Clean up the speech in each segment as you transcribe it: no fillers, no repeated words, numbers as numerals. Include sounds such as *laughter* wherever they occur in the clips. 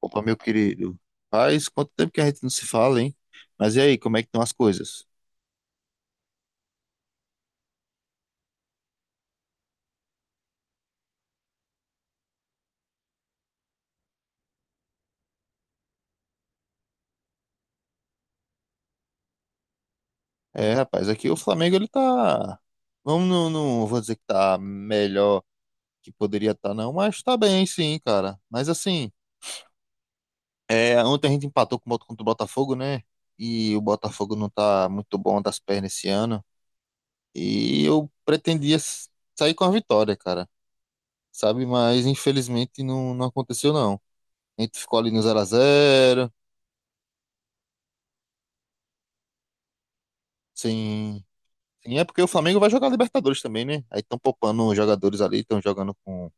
Opa, meu querido. Faz quanto tempo que a gente não se fala, hein? Mas e aí, como é que estão as coisas? É, rapaz, aqui o Flamengo ele tá. Vamos, não, não vou dizer que tá melhor que poderia estar, não, mas tá bem, sim, cara. Mas assim, é, ontem a gente empatou com o contra o Botafogo, né? E o Botafogo não tá muito bom das pernas esse ano. E eu pretendia sair com a vitória, cara. Sabe? Mas infelizmente não, não aconteceu, não. A gente ficou ali no 0-0, sem. Sim, é porque o Flamengo vai jogar Libertadores também, né? Aí estão poupando os jogadores ali, estão jogando com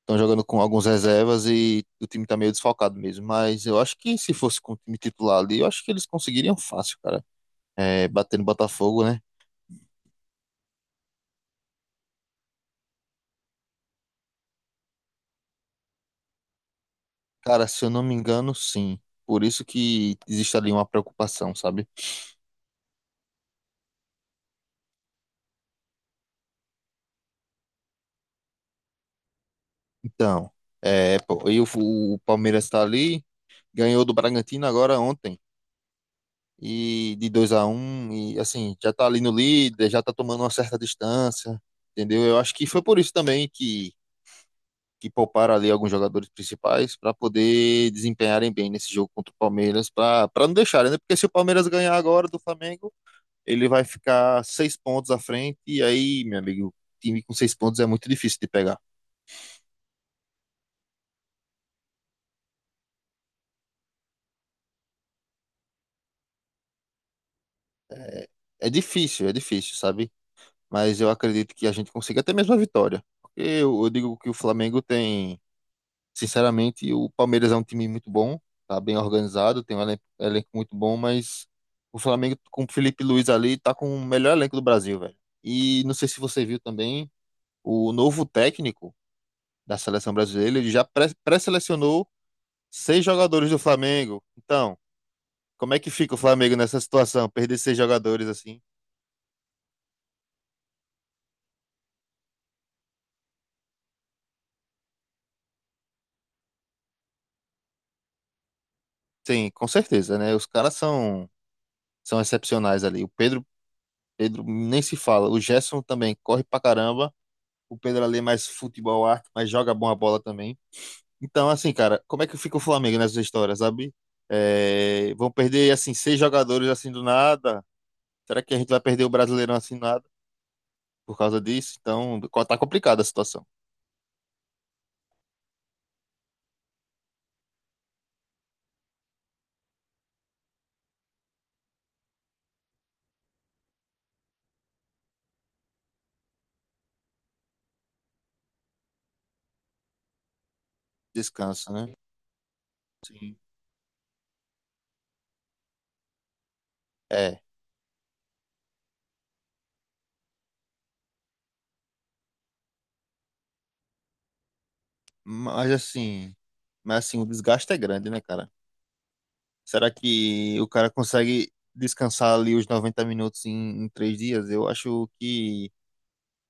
estão jogando com alguns reservas e o time tá meio desfalcado mesmo. Mas eu acho que se fosse com o time titular ali, eu acho que eles conseguiriam fácil, cara. É, batendo Botafogo, né? Cara, se eu não me engano, sim. Por isso que existe ali uma preocupação, sabe? Então, é, pô, e o Palmeiras tá ali, ganhou do Bragantino agora ontem, e de 2-1 e assim, já tá ali no líder, já tá tomando uma certa distância, entendeu? Eu acho que foi por isso também que pouparam ali alguns jogadores principais para poder desempenharem bem nesse jogo contra o Palmeiras, para não deixarem, né? Porque se o Palmeiras ganhar agora do Flamengo, ele vai ficar 6 pontos à frente, e aí, meu amigo, time com 6 pontos é muito difícil de pegar. É difícil, sabe? Mas eu acredito que a gente consiga até mesmo a vitória. Porque eu digo que o Flamengo tem. Sinceramente, o Palmeiras é um time muito bom, tá bem organizado, tem um elenco, elenco muito bom, mas o Flamengo com o Felipe Luiz ali tá com o melhor elenco do Brasil, velho. E não sei se você viu também, o novo técnico da seleção brasileira, ele já pré-selecionou 6 jogadores do Flamengo. Então, como é que fica o Flamengo nessa situação? Perder 6 jogadores assim? Sim, com certeza, né? Os caras são, são excepcionais ali. O Pedro, Pedro nem se fala, o Gerson também corre pra caramba. O Pedro Ale é mais futebol arte, mas joga bom a bola também. Então, assim, cara, como é que fica o Flamengo nessa história, sabe? É, vão perder, assim, 6 jogadores assim do nada. Será que a gente vai perder o Brasileirão assim do nada por causa disso? Então, tá complicada a situação. Descansa, né? Sim. É, mas assim, mas assim, o desgaste é grande, né, cara? Será que o cara consegue descansar ali os 90 minutos em, em 3 dias? Eu acho que.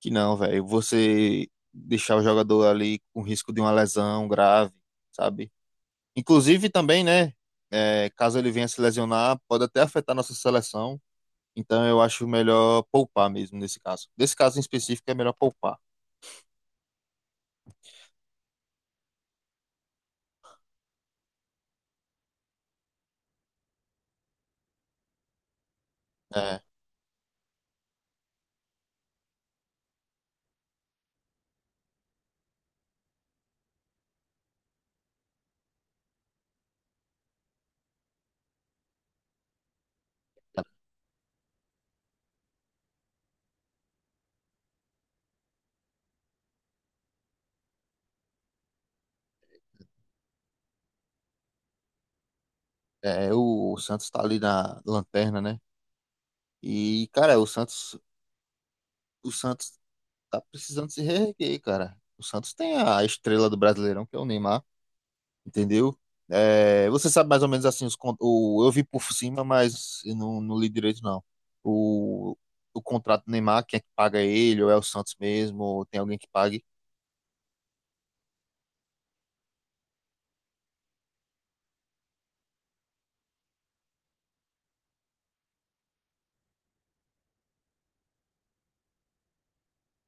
Que não, velho. Você deixar o jogador ali com risco de uma lesão grave, sabe? Inclusive também, né? É, caso ele venha se lesionar, pode até afetar nossa seleção. Então eu acho melhor poupar mesmo nesse caso. Nesse caso em específico é melhor poupar. É, é, o Santos tá ali na lanterna, né? E, cara, o Santos tá precisando se reerguer, cara. O Santos tem a estrela do Brasileirão, que é o Neymar. Entendeu? É, você sabe mais ou menos assim, os, o, eu vi por cima, mas eu não li direito, não. O, o contrato do Neymar, quem é que paga ele, ou é o Santos mesmo, ou tem alguém que pague?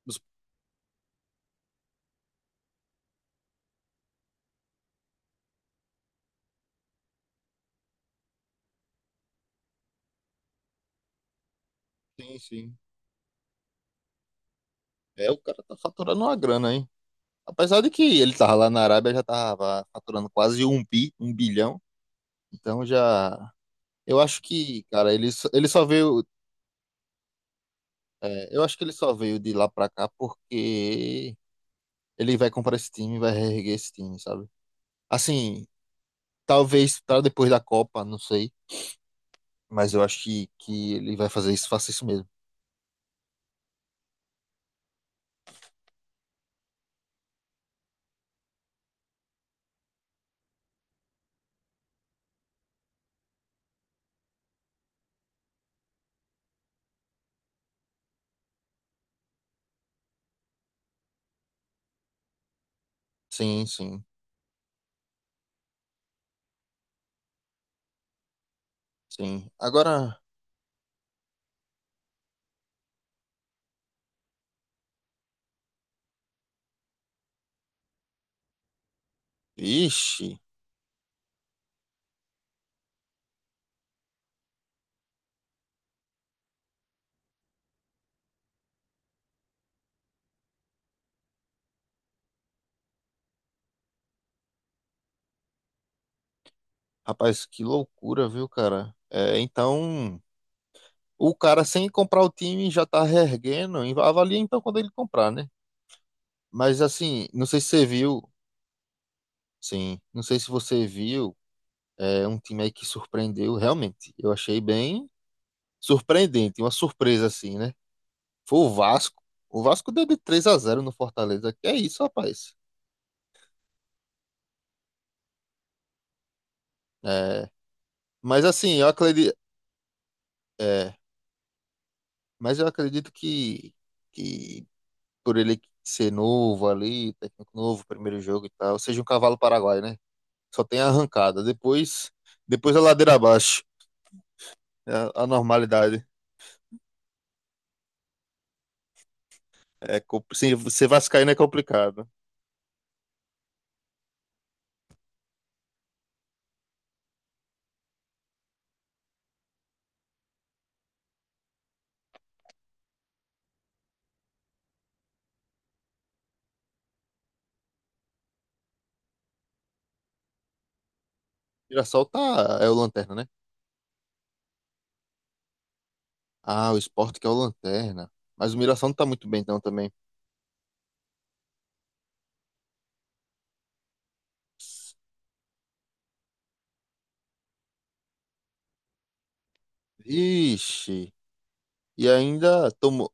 Os- Sim, sim. É, o cara tá faturando uma grana, hein? Apesar de que ele tava lá na Arábia, já tava faturando quase um bilhão. Então já. Eu acho que, cara, ele só veio. É, eu acho que ele só veio de lá pra cá porque ele vai comprar esse time, vai reerguer esse time, sabe? Assim, talvez para depois da Copa, não sei. Mas eu acho que ele vai fazer isso, faça isso mesmo. Sim, sim, sim. Agora, vixe, rapaz, que loucura, viu, cara? É, então, o cara sem comprar o time já tá reerguendo, e avalia então quando ele comprar, né? Mas assim, não sei se você viu, sim, não sei se você viu, é um time aí que surpreendeu, realmente. Eu achei bem surpreendente, uma surpresa assim, né? Foi o Vasco. O Vasco deu de 3 a zero no Fortaleza. Que é isso, rapaz. É, mas assim, eu acredito, é, mas eu acredito que por ele ser novo ali, técnico novo, primeiro jogo e tal, seja um cavalo paraguaio, né? Só tem arrancada. Depois a ladeira abaixo. É a normalidade. É, se você vascaíno é complicado. Mirassol tá, é o lanterna, né? Ah, o Sport que é o lanterna. Mas o Mirassol não tá muito bem, então também. Ixi. E ainda tomou,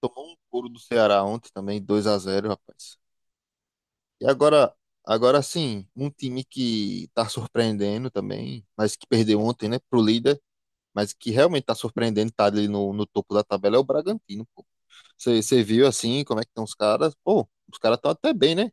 Tomou um couro do Ceará ontem também, 2-0 rapaz. E agora, agora sim, um time que tá surpreendendo também, mas que perdeu ontem, né, pro líder, mas que realmente tá surpreendendo, tá ali no, no topo da tabela, é o Bragantino, pô. Você viu assim, como é que estão os caras? Pô, os caras estão até bem, né?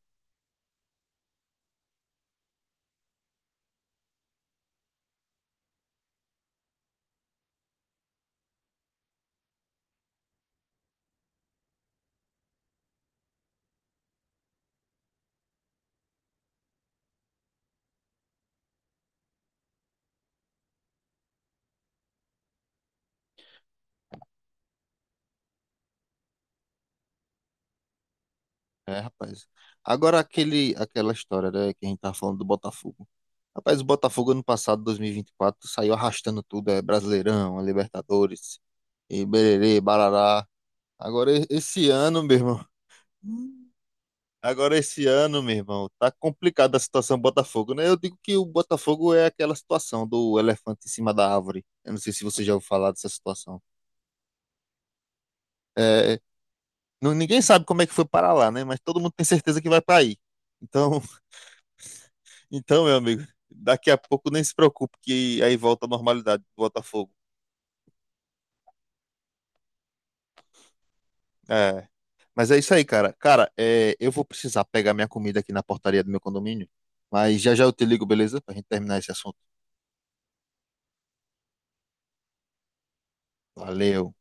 É, rapaz. Agora aquele, aquela história, né, que a gente tava falando do Botafogo. Rapaz, o Botafogo ano passado, dois mil e vinte e quatro saiu arrastando tudo, é Brasileirão, é Libertadores, e bererê, barará. Agora, esse ano, meu irmão. Hum. Agora, esse ano, meu irmão, tá complicada a situação do Botafogo, né? Eu digo que o Botafogo é aquela situação do elefante em cima da árvore. Eu não sei se você já ouviu falar dessa situação. É, ninguém sabe como é que foi para lá, né? Mas todo mundo tem certeza que vai para aí. Então, *laughs* então, meu amigo, daqui a pouco nem se preocupe que aí volta a normalidade do Botafogo. É, mas é isso aí, cara. Cara, é, eu vou precisar pegar minha comida aqui na portaria do meu condomínio. Mas já já eu te ligo, beleza? Pra gente terminar esse assunto. Valeu.